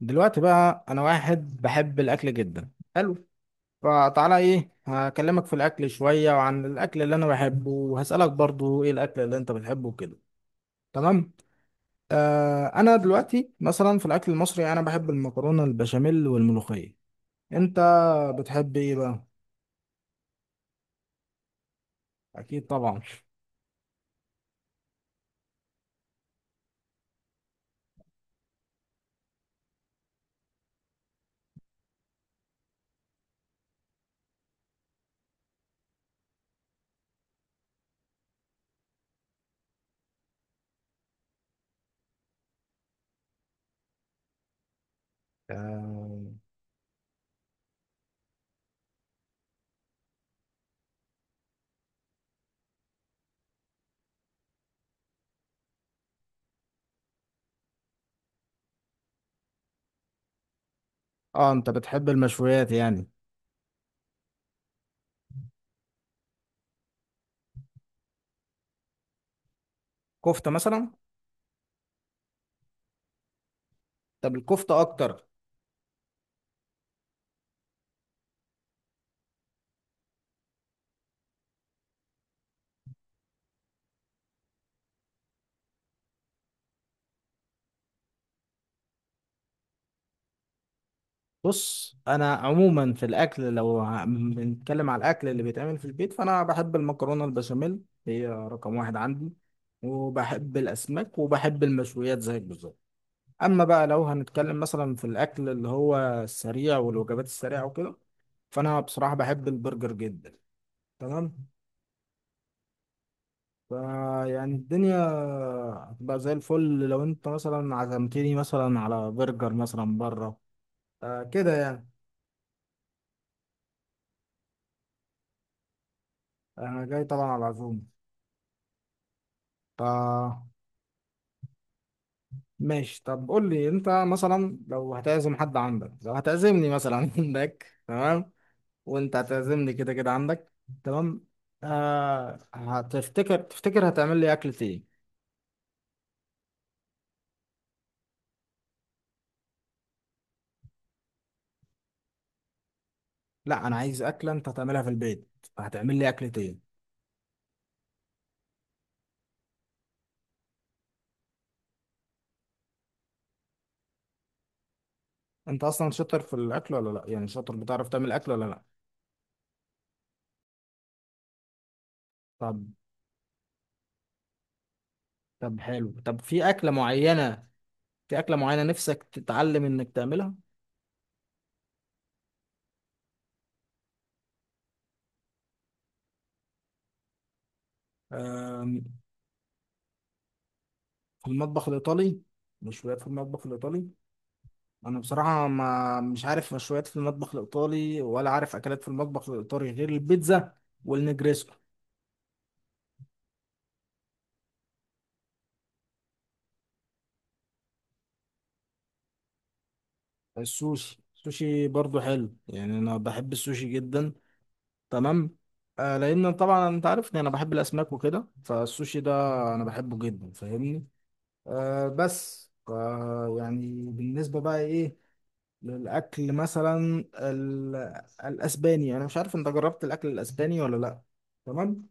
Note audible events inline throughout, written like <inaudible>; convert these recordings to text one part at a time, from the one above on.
دلوقتي بقى انا واحد بحب الاكل جدا. حلو. فتعالى ايه، هكلمك في الاكل شوية وعن الاكل اللي انا بحبه، وهسألك برضو ايه الاكل اللي انت بتحبه كده. تمام. آه، انا دلوقتي مثلا في الاكل المصري انا بحب المكرونة البشاميل والملوخية. انت بتحب ايه بقى؟ اكيد طبعا. اه, آه، انت بتحب المشويات يعني. كفتة مثلا. طب الكفتة اكتر. بص، انا عموما في الاكل لو بنتكلم على الاكل اللي بيتعمل في البيت، فانا بحب المكرونه البشاميل. هي رقم واحد عندي. وبحب الاسماك وبحب المشويات زيك بالظبط. اما بقى لو هنتكلم مثلا في الاكل اللي هو السريع والوجبات السريعه وكده، فانا بصراحه بحب البرجر جدا. تمام. فيعني الدنيا هتبقى زي الفل لو انت مثلا عزمتني مثلا على برجر مثلا بره. آه، كده يعني. انا جاي طبعا على العزومه. ف ماشي، طب قول لي انت مثلا لو هتعزم حد عندك، لو هتعزمني مثلا <laughs> عندك. تمام. وانت هتعزمني كده كده عندك. تمام. آه، هتفتكر هتعمل لي اكلة ايه؟ لا، انا عايز اكلة انت هتعملها في البيت. هتعمل لي اكلة ايه؟ انت اصلا شاطر في الاكل ولا لا؟ يعني شاطر، بتعرف تعمل اكل ولا لا؟ طب طب حلو، طب في اكلة معينة، في اكلة معينة نفسك تتعلم انك تعملها. آم، في المطبخ الايطالي. مشويات في المطبخ الايطالي. انا بصراحه ما مش عارف مشويات في المطبخ الايطالي، ولا عارف اكلات في المطبخ الايطالي غير البيتزا والنجريسكو. السوشي السوشي برضو حلو، يعني انا بحب السوشي جدا. تمام. آه، لان طبعا انت عارفني انا بحب الاسماك وكده، فالسوشي ده انا بحبه جدا، فاهمني. آه بس يعني بالنسبه بقى ايه، للاكل مثلا الاسباني، انا مش عارف انت جربت الاكل الاسباني ولا لا. تمام.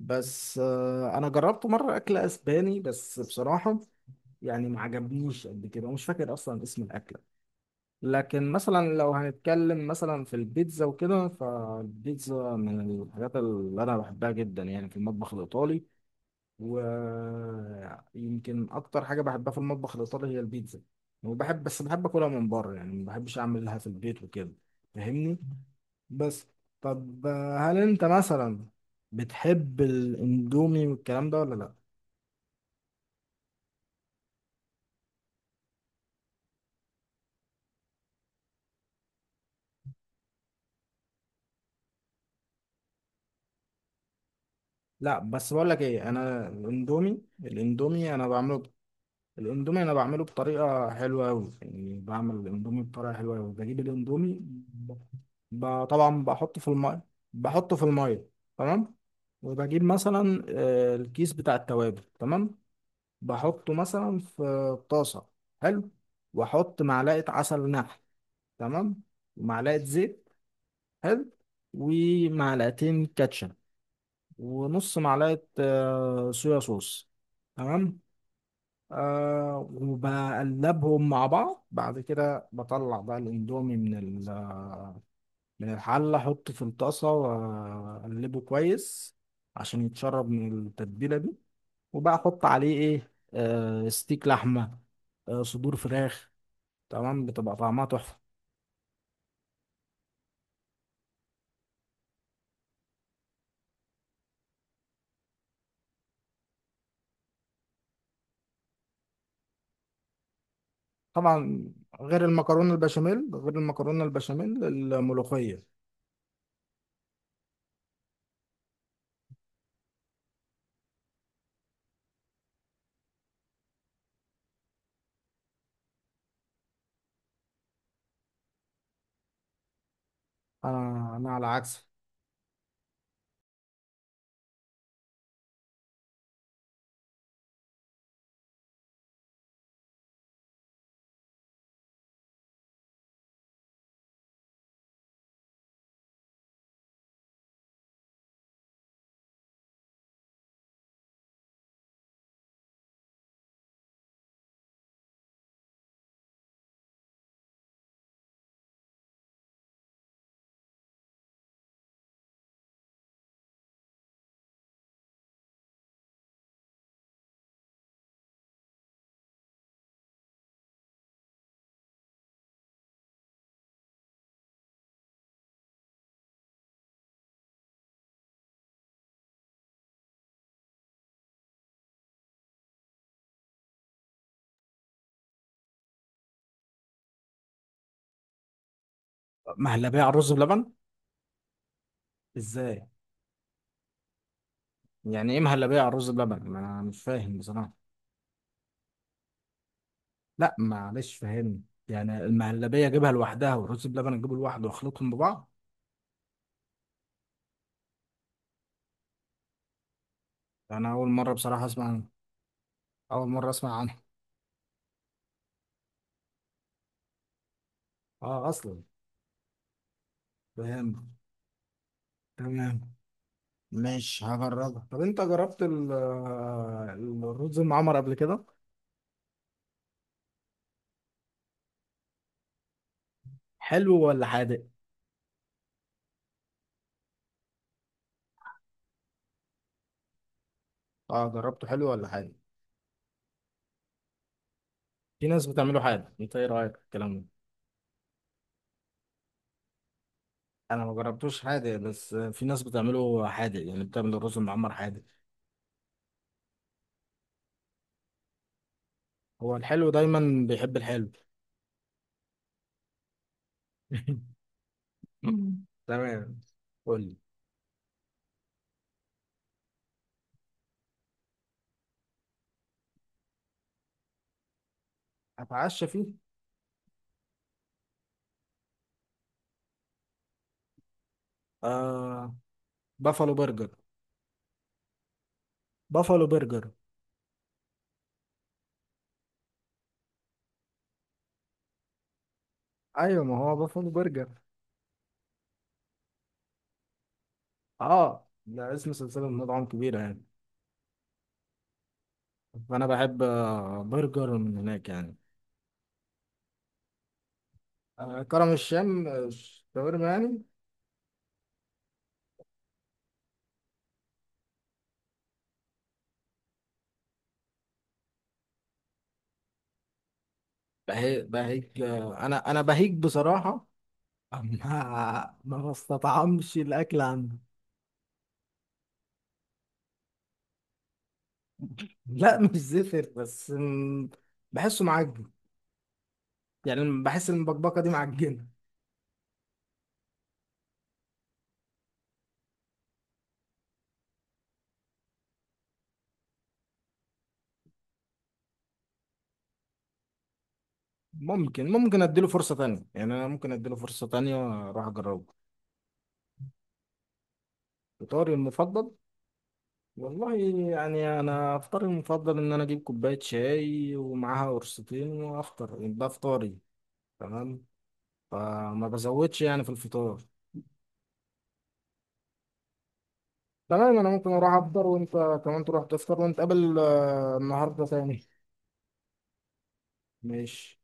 بس انا جربت مره اكل اسباني، بس بصراحه يعني ما عجبنيش قد كده، ومش فاكر اصلا اسم الاكله. لكن مثلا لو هنتكلم مثلا في البيتزا وكده، فالبيتزا من الحاجات اللي انا بحبها جدا، يعني في المطبخ الايطالي. ويمكن اكتر حاجه بحبها في المطبخ الايطالي هي البيتزا. وبحب، بس بحب اكلها من بره، يعني ما بحبش اعملها في البيت وكده، فاهمني. بس. طب هل انت مثلا بتحب الاندومي والكلام ده ولا لا؟ لا بس بقول لك ايه، انا الاندومي انا بعمله. الاندومي انا بعمله بطريقه حلوه قوي، يعني بعمل الاندومي بطريقه حلوه قوي، بجيب الاندومي طبعا بحطه في الميه. بحطه في الميه. تمام. وبجيب مثلا الكيس بتاع التوابل. تمام. بحطه مثلا في طاسه. حلو. واحط معلقه عسل نحل. تمام. ومعلقه زيت. حلو. ومعلقتين كاتشب. ونص معلقة صويا صوص. تمام. آه، وبقلبهم مع بعض. بعد كده بطلع بقى الاندومي من من الحلة، احطه في الطاسة واقلبه كويس عشان يتشرب من التتبيلة دي. وبقى احط عليه ايه، آه ستيك لحمة، آه صدور فراخ. تمام، بتبقى طعمها تحفة. طبعا. غير المكرونة البشاميل الملوخية. انا على عكس. مهلبيه على الرز بلبن؟ ازاي؟ يعني ايه مهلبيه على الرز بلبن، ما انا مش فاهم بصراحه. لا معلش، فهمني. يعني المهلبيه اجيبها لوحدها والرز بلبن اجيبه لوحده واخلطهم ببعض؟ يعني انا اول مره بصراحه اسمع عنه. اول مره اسمع عنه. اه، اصلا فاهم. تمام، مش هجربها. طب انت جربت الرز المعمر قبل كده؟ حلو ولا حادق؟ اه جربته. حلو ولا حادق؟ في ناس بتعمله حادق، انت ايه رايك في الكلام ده؟ انا ما جربتوش حادق، بس في ناس بتعمله حادق، يعني بتعمل الرز المعمر حادق. هو الحلو دايما بيحب الحلو. <laughs> تمام. قول لي. اتعشى فيه. آه، بافالو برجر. بافالو برجر. ايوه، ما هو بافالو برجر. اه، ده اسم سلسله مطاعم كبيره يعني. فانا بحب برجر من هناك يعني. آه كرم الشام، شاورما يعني. بهيج انا بهيج بصراحه. <laughs> ما بستطعمش الاكل عنده. لا، <laughs> مش زفر، بس بحسه معجن، يعني بحس ان البكبكه دي معجنه. ممكن اديله فرصه تانية، يعني انا ممكن اديله فرصه تانية، اروح اجربه. فطاري المفضل؟ والله، يعني انا افطاري المفضل ان انا اجيب كوبايه شاي ومعاها قرصتين وافطر، ده فطاري. تمام. فما بزودش يعني في الفطار. تمام، انا ممكن اروح افطر وانت كمان تروح تفطر ونتقابل النهارده تاني. ماشي.